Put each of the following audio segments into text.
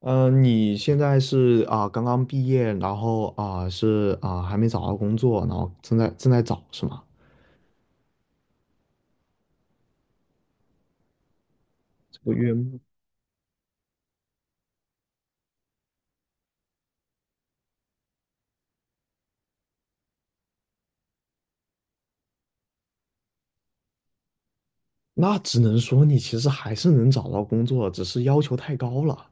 嗯，你现在是啊、刚刚毕业，然后啊、是啊、还没找到工作，然后正在找是吗？这个月末，那只能说你其实还是能找到工作，只是要求太高了。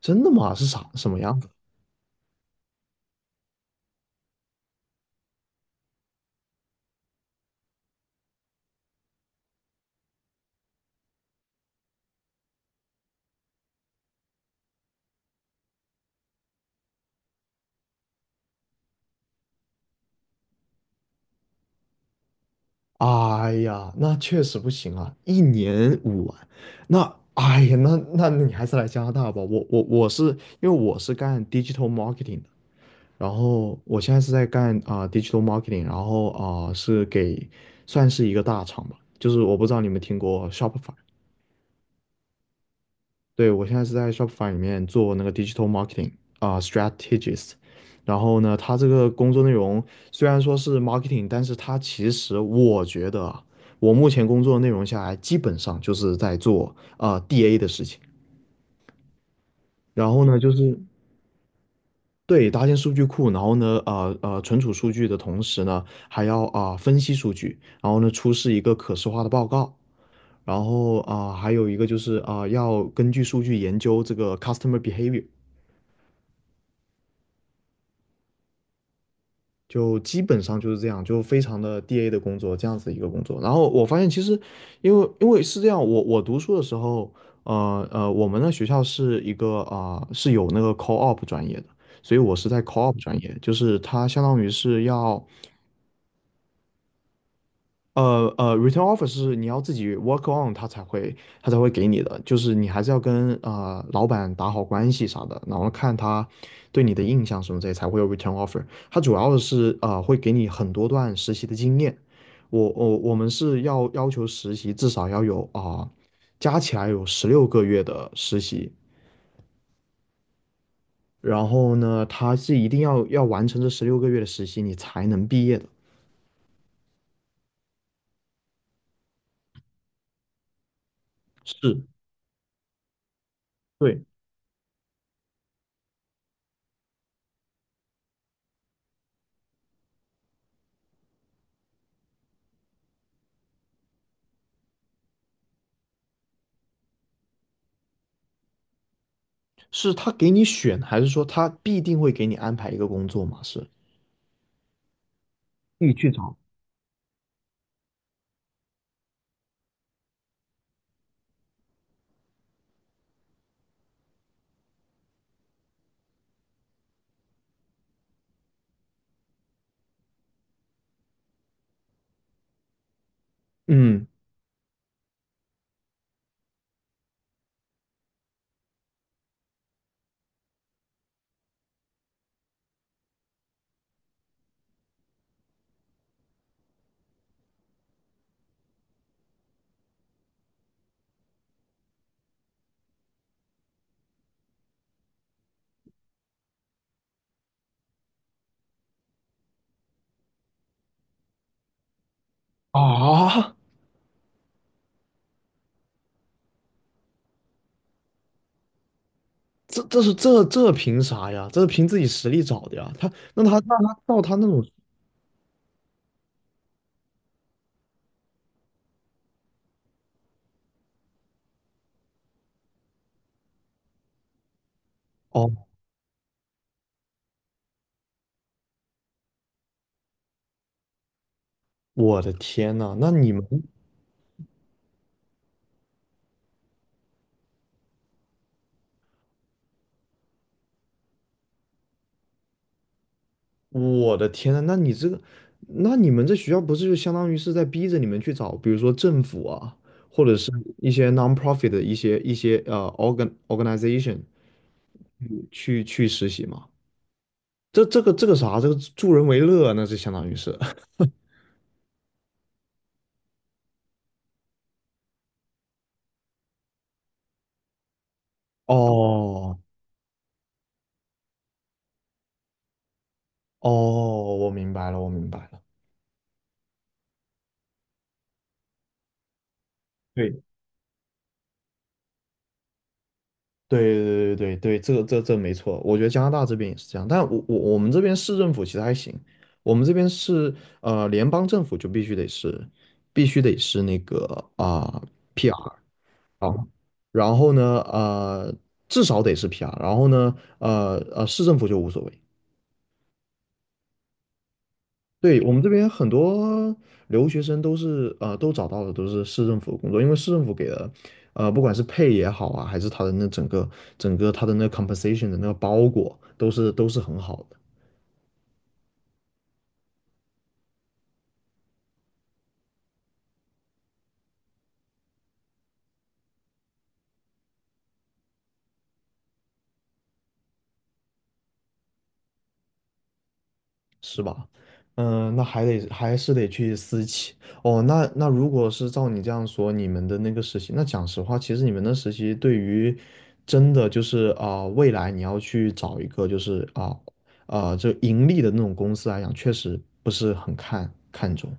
真的吗？是啥什么样子？哎呀，那确实不行啊，一年5万，那哎呀，那你还是来加拿大吧。我是因为我是干 digital marketing 的，然后我现在是在干啊、digital marketing，然后啊、是给算是一个大厂吧，就是我不知道你们听过 Shopify，对，我现在是在 Shopify 里面做那个 digital marketing 啊、strategist，然后呢，他这个工作内容虽然说是 marketing，但是他其实我觉得啊，我目前工作内容下来基本上就是在做啊、DA 的事情，然后呢就是。对，搭建数据库，然后呢，存储数据的同时呢，还要啊、分析数据，然后呢，出示一个可视化的报告，然后啊、还有一个就是啊、要根据数据研究这个 customer behavior，就基本上就是这样，就非常的 DA 的工作，这样子一个工作。然后我发现其实，因为是这样，我读书的时候，我们的学校是一个啊、是有那个 c a l l u p 专业的，所以我是在 c a l l u p 专业，就是它相当于是要。return offer 是你要自己 work on 他才会给你的，就是你还是要跟老板打好关系啥的，然后看他对你的印象什么这类才会有 return offer。他主要的是会给你很多段实习的经验，我们是要求实习至少要有啊、加起来有十六个月的实习，然后呢，他是一定要完成这十六个月的实习你才能毕业的，是。对。是他给你选，还是说他必定会给你安排一个工作嘛？是，你去找。嗯，啊，这凭啥呀？这是凭自己实力找的呀。他照他那种，哦，我的天呐，那你们，我的天呐，那你这个，那你们这学校不是就相当于是在逼着你们去找，比如说政府啊，或者是一些 non-profit 的一些 organization 去实习吗？这个啥，这个助人为乐，那就相当于是。哦哦，我明白了，我明白了。对对对对对对，这没错，我觉得加拿大这边也是这样，但我们这边市政府其实还行，我们这边是联邦政府就必须得是那个啊、PR，然后呢至少得是 PR，然后呢市政府就无所谓。对，我们这边很多留学生都是都找到的都是市政府的工作，因为市政府给的，不管是配也好啊，还是他的那整个他的那 compensation 的那个包裹，都是很好的。是吧？嗯，那还是得去私企哦。那如果是照你这样说，你们的那个实习，那讲实话，其实你们的实习对于真的就是啊、未来你要去找一个就是啊、就盈利的那种公司来讲，确实不是很看重。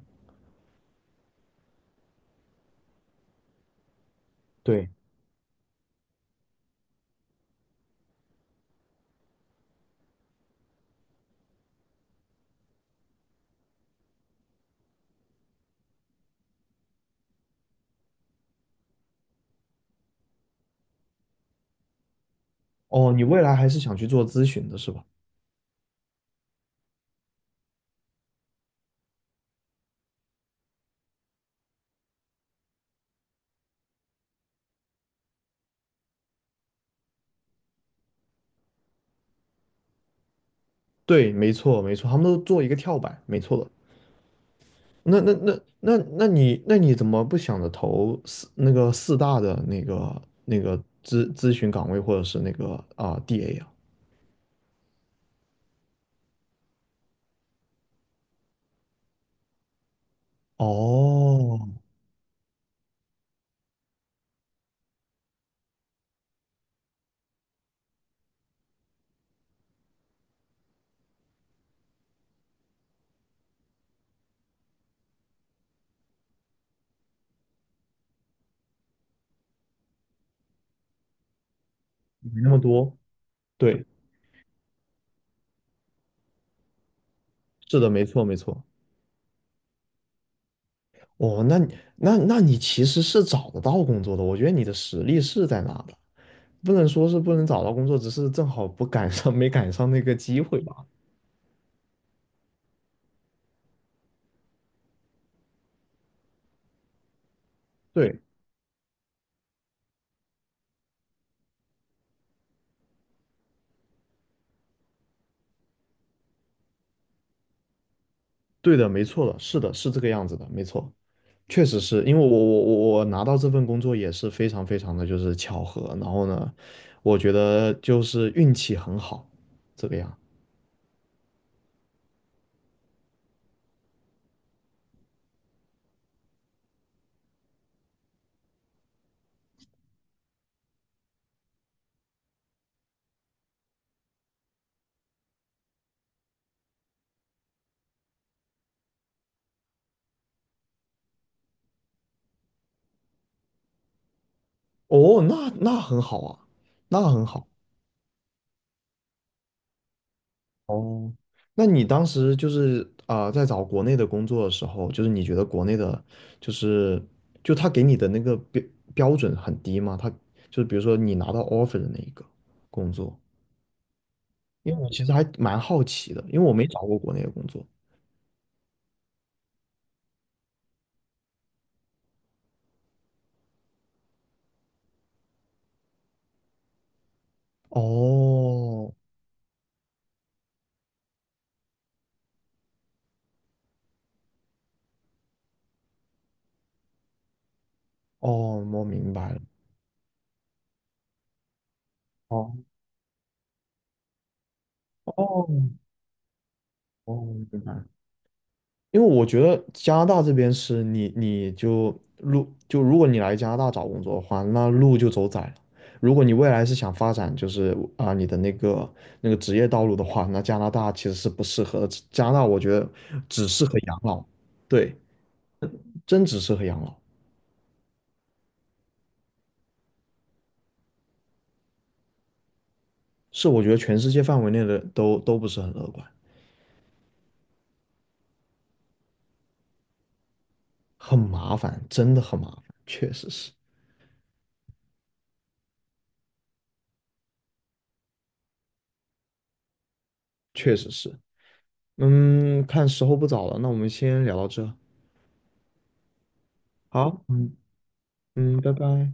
对，哦，你未来还是想去做咨询的是吧？对，没错没错，他们都做一个跳板，没错的。那你怎么不想着投四那个四大的那个咨询岗位或者是那个啊、DA 啊？哦，没那么多。对，是的，没错没错。哦，那你其实是找得到工作的，我觉得你的实力是在那的，不能说是不能找到工作，只是正好不赶上没赶上那个机会吧。对，对的，没错的，是的，是这个样子的，没错。确实是因为我拿到这份工作也是非常非常的就是巧合，然后呢，我觉得就是运气很好，这个样。哦，那很好啊，那很好。哦，那你当时就是啊、在找国内的工作的时候，就是你觉得国内的，就是就他给你的那个标准很低吗？他就是比如说你拿到 offer 的那一个工作，因为我其实还蛮好奇的，因为我没找过国内的工作。哦，哦，我明白了。哦，哦哦，明白了。因为我觉得加拿大这边是你，你就如果你来加拿大找工作的话，那路就走窄了。如果你未来是想发展就是啊你的那个职业道路的话，那加拿大其实是不适合的。加拿大我觉得只适合养老，对，真只适合养老，是我觉得全世界范围内的都不是很乐观，很麻烦，真的很麻烦，确实是，确实是。嗯，看时候不早了，那我们先聊到这。好，嗯嗯，拜拜。